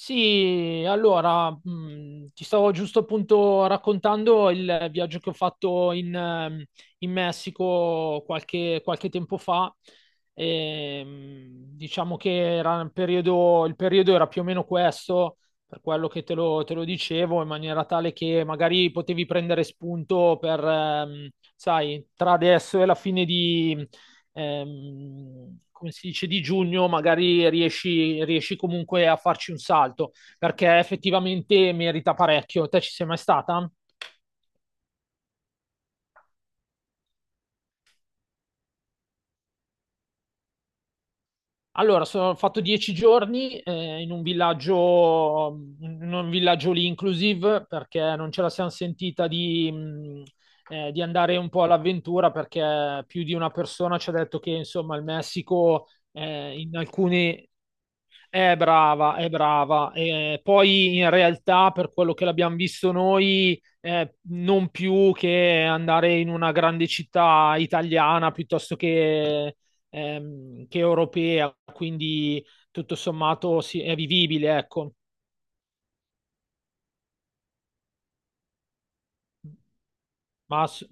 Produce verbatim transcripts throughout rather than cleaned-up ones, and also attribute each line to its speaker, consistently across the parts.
Speaker 1: Sì, allora, mh, ti stavo giusto appunto raccontando il viaggio che ho fatto in, ehm, in Messico qualche, qualche tempo fa. Ehm, diciamo che era un periodo, il periodo era più o meno questo, per quello che te lo, te lo dicevo, in maniera tale che magari potevi prendere spunto per, ehm, sai, tra adesso e la fine ehm, come si dice, di giugno, magari riesci, riesci comunque a farci un salto, perché effettivamente merita parecchio. Te ci sei mai stata? Allora, sono- ho fatto dieci giorni eh, in un villaggio, in un villaggio lì inclusive, perché non ce la siamo sentita di, mh, eh, di andare un po' all'avventura, perché più di una persona ci ha detto che, insomma, il Messico eh, in alcune. È brava, è brava. Eh, poi in realtà, per quello che l'abbiamo visto noi, eh, non più che andare in una grande città italiana piuttosto che, ehm, che europea, quindi tutto sommato sì, è vivibile, ecco. Ma s-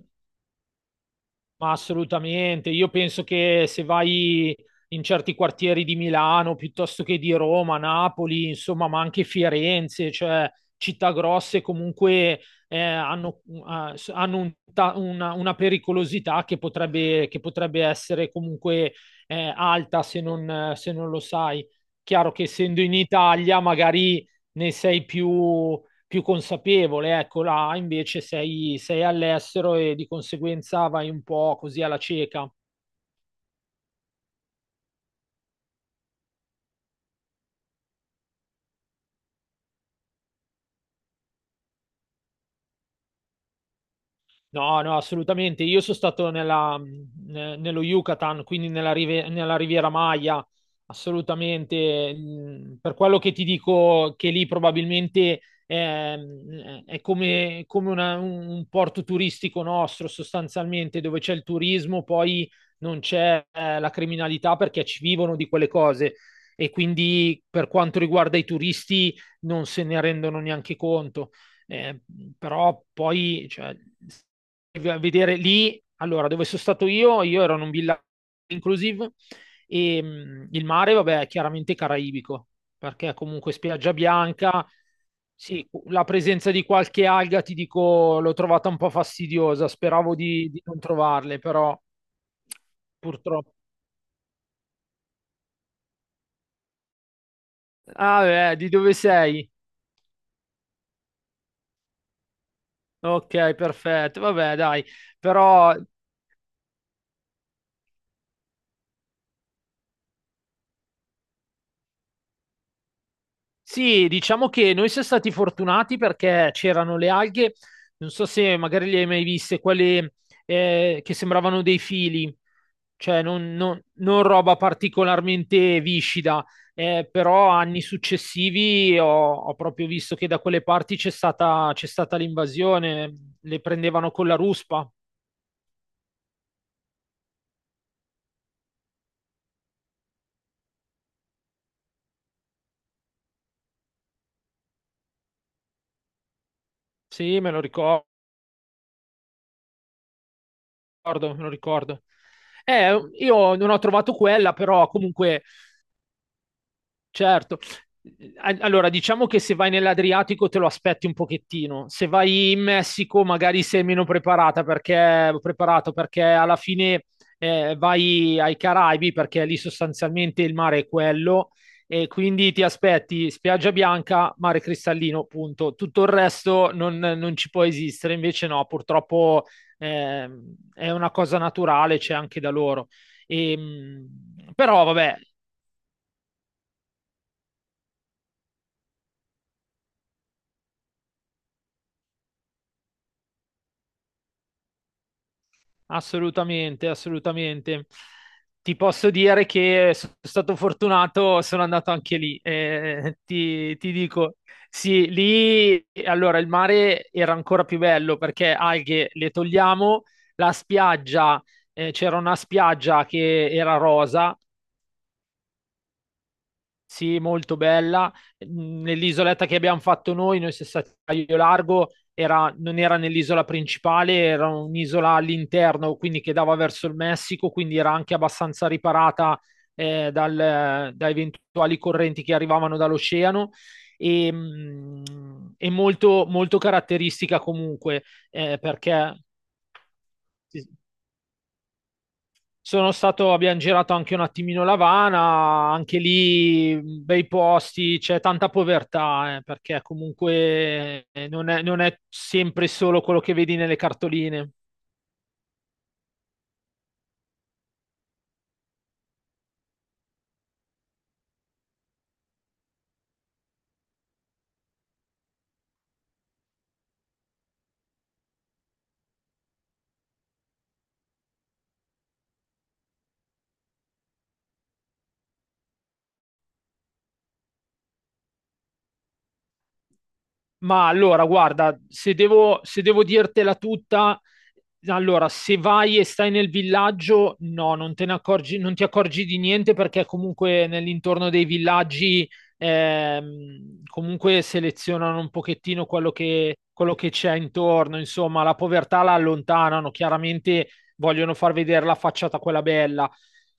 Speaker 1: Ma assolutamente, io penso che se vai in certi quartieri di Milano piuttosto che di Roma, Napoli, insomma, ma anche Firenze, cioè città grosse comunque eh, hanno, eh, s- hanno un ta- una, una pericolosità che potrebbe, che potrebbe essere comunque eh, alta se non, eh, se non lo sai. Chiaro che essendo in Italia magari ne sei più più consapevole, ecco, là invece sei, sei all'estero e di conseguenza vai un po' così alla cieca. No, no, assolutamente. Io sono stato nella- ne- nello Yucatan, quindi nella, rive- nella Riviera Maya, assolutamente. Mm, Per quello che ti dico che lì probabilmente ehm, è, come, come una- un un porto turistico nostro, sostanzialmente, dove c'è il turismo, poi non c'è eh, la criminalità perché ci vivono di quelle cose. E quindi per quanto riguarda i turisti non se ne rendono neanche conto. Eh, Però poi, cioè, a vedere lì, allora, dove sono stato io, io ero in un villaggio inclusive e mh, il mare, vabbè, è chiaramente caraibico, perché comunque spiaggia bianca, sì, la presenza di qualche alga, ti dico, l'ho trovata un po' fastidiosa, speravo di, di non trovarle, però purtroppo. Ah, beh, di dove sei? Ok, perfetto, vabbè, dai, però sì, diciamo che noi siamo stati fortunati perché c'erano le alghe, non so se magari le hai mai viste, quelle eh, che sembravano dei fili, cioè non, non- non roba particolarmente viscida, eh, però anni successivi ho, ho proprio visto che da quelle parti c'è stata, c'è stata l'invasione, le prendevano con la ruspa, sì, me lo ricordo, me lo ricordo. Eh, io non ho trovato quella, però comunque. Certo. A- Allora, diciamo che se vai nell'Adriatico te lo aspetti un pochettino. Se vai in Messico, magari sei meno preparata perché, preparato perché alla fine eh, vai ai Caraibi, perché lì sostanzialmente il mare è quello, e quindi ti aspetti spiaggia bianca, mare cristallino, punto. Tutto il resto non, non ci può esistere. Invece, no, purtroppo ehm, è una cosa naturale, c'è anche da loro. E, mh, però vabbè, assolutamente, assolutamente. Ti posso dire che sono stato fortunato, sono andato anche lì. Eh, ti, ti dico, sì, lì allora il mare era ancora più bello perché alghe le togliamo, la spiaggia, eh, c'era una spiaggia che era rosa, sì, molto bella. Mm, Nell'isoletta che abbiamo fatto noi, noi siamo stati a Caio Largo, era- non era nell'isola principale, era un'isola all'interno, quindi che dava verso il Messico, quindi era anche abbastanza riparata eh, dal- da eventuali correnti che arrivavano dall'oceano e, mm, e molto, molto caratteristica comunque, eh, perché. Sì, sono stato, abbiamo girato anche un attimino L'Avana, anche lì mh, bei posti, c'è tanta povertà, eh, perché comunque eh, non è, non è sempre solo quello che vedi nelle cartoline. Ma allora, guarda, se devo, se devo dirtela tutta, allora, se vai e stai nel villaggio, no, non te ne accorgi, non ti accorgi di niente perché comunque nell'intorno dei villaggi ehm, comunque selezionano un pochettino quello che, quello che c'è intorno, insomma, la povertà la allontanano, chiaramente vogliono far vedere la facciata quella bella,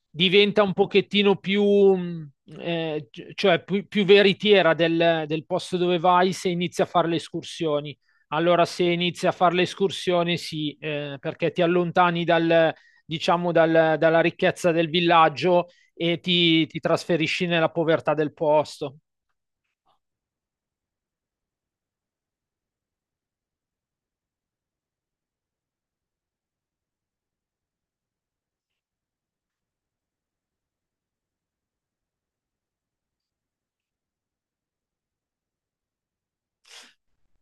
Speaker 1: diventa un pochettino più, mm, eh, cioè più, più veritiera del, del posto dove vai se inizi a fare le escursioni. Allora, se inizi a fare le escursioni, sì, eh, perché ti allontani dal, diciamo, dal- dalla ricchezza del villaggio e ti, ti trasferisci nella povertà del posto.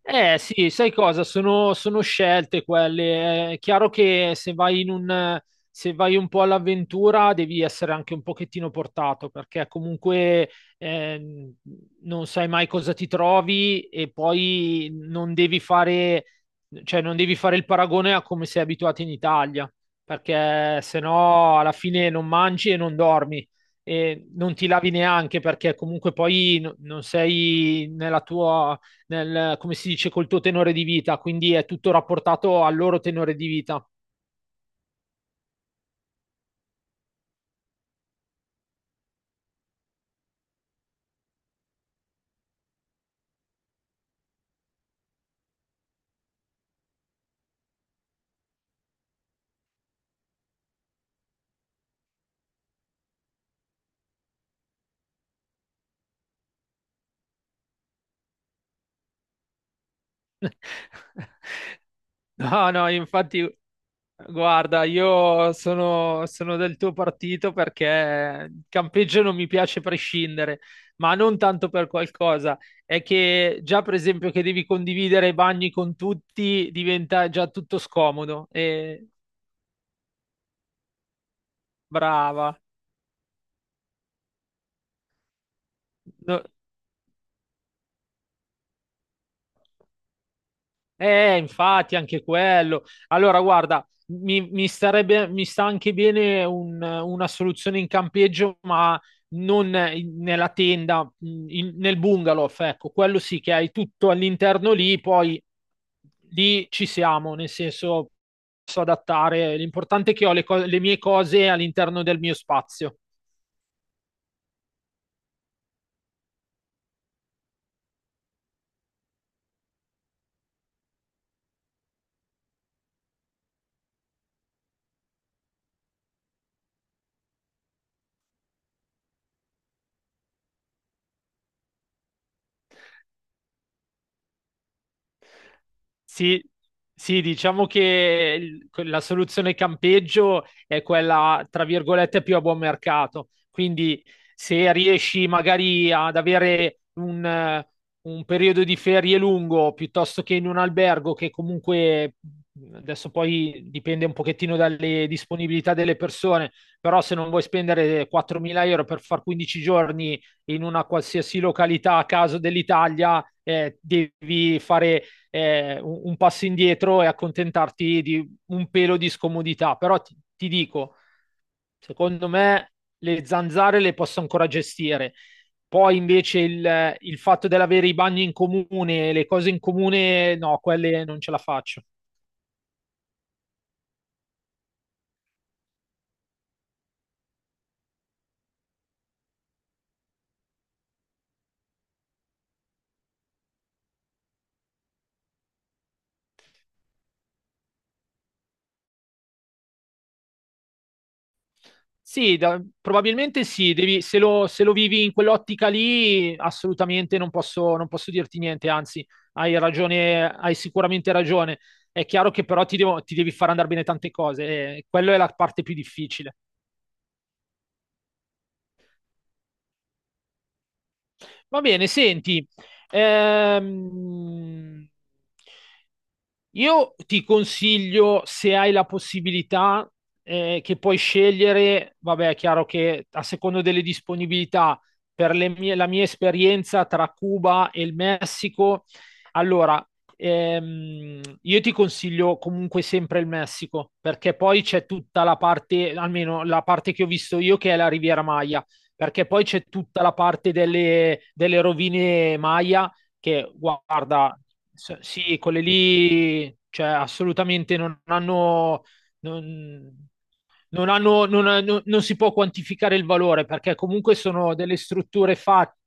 Speaker 1: Eh sì, sai cosa? Sono, sono scelte quelle. È chiaro che se vai in un, se vai un po' all'avventura devi essere anche un pochettino portato perché comunque ehm, non sai mai cosa ti trovi e poi non devi fare, cioè non devi fare il paragone a come sei abituato in Italia perché se no alla fine non mangi e non dormi e non ti lavi neanche perché comunque poi n- non sei nella tua nel, come si dice, col tuo tenore di vita, quindi è tutto rapportato al loro tenore di vita. No, no, infatti, guarda, io sono, sono del tuo partito perché il campeggio non mi piace prescindere, ma non tanto per qualcosa. È che già, per esempio, che devi condividere i bagni con tutti diventa già tutto scomodo. E brava. No. Eh, infatti, anche quello. Allora, guarda, mi, mi starebbe, mi sta anche bene un- una soluzione in campeggio, ma non in- nella tenda, mh, in- nel bungalow, ecco, quello sì che hai tutto all'interno lì, poi lì ci siamo, nel senso posso adattare. L'importante è che ho le co- le mie cose all'interno del mio spazio. Sì, sì, diciamo che il- que- la soluzione campeggio è quella, tra virgolette, più a buon mercato. Quindi se riesci magari ad avere un, eh, un periodo di ferie lungo piuttosto che in un albergo che comunque adesso poi dipende un pochettino dalle disponibilità delle persone, però se non vuoi spendere quattromila euro per far quindici giorni in una qualsiasi località a caso dell'Italia, eh, devi fare eh, un, un passo indietro e accontentarti di un pelo di scomodità. Però ti, ti dico, secondo me le zanzare le posso ancora gestire. Poi invece il, il fatto dell'avere i bagni in comune, le cose in comune, no, quelle non ce la faccio. Sì, da- probabilmente sì, devi- se lo, se lo vivi in quell'ottica lì, assolutamente non posso, non posso dirti niente, anzi, hai ragione, hai sicuramente ragione. È chiaro che però ti, devo- ti devi far andare bene tante cose, e quella è la parte più difficile. Va bene, senti, ehm, io ti consiglio, se hai la possibilità, eh, che puoi scegliere, vabbè, è chiaro che a secondo delle disponibilità, per le mie- la mia esperienza tra Cuba e il Messico, allora, ehm, io ti consiglio comunque sempre il Messico, perché poi c'è tutta la parte, almeno la parte che ho visto io, che è la Riviera Maya, perché poi c'è tutta la parte delle delle rovine Maya che guarda, s- sì, quelle lì, cioè assolutamente non hanno, non- non, hanno, non, hanno- non si può quantificare il valore perché comunque sono delle strutture fatte,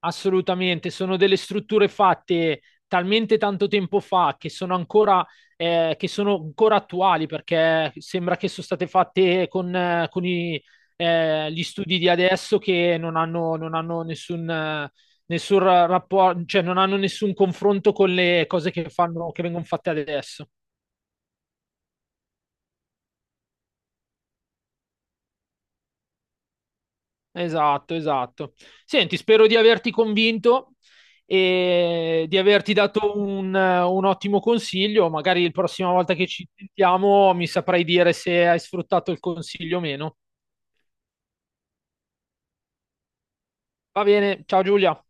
Speaker 1: assolutamente, sono delle strutture fatte talmente tanto tempo fa che sono ancora, eh, che sono ancora attuali perché sembra che sono state fatte con, eh, con i, eh, gli studi di adesso che non hanno, non hanno nessun... eh, Nessun rapporto, cioè non hanno nessun confronto con le cose che fanno, che vengono fatte adesso. Esatto, esatto. Senti, spero di averti convinto e di averti dato un, un ottimo consiglio. Magari la prossima volta che ci sentiamo mi saprai dire se hai sfruttato il consiglio o meno. Va bene, ciao Giulia.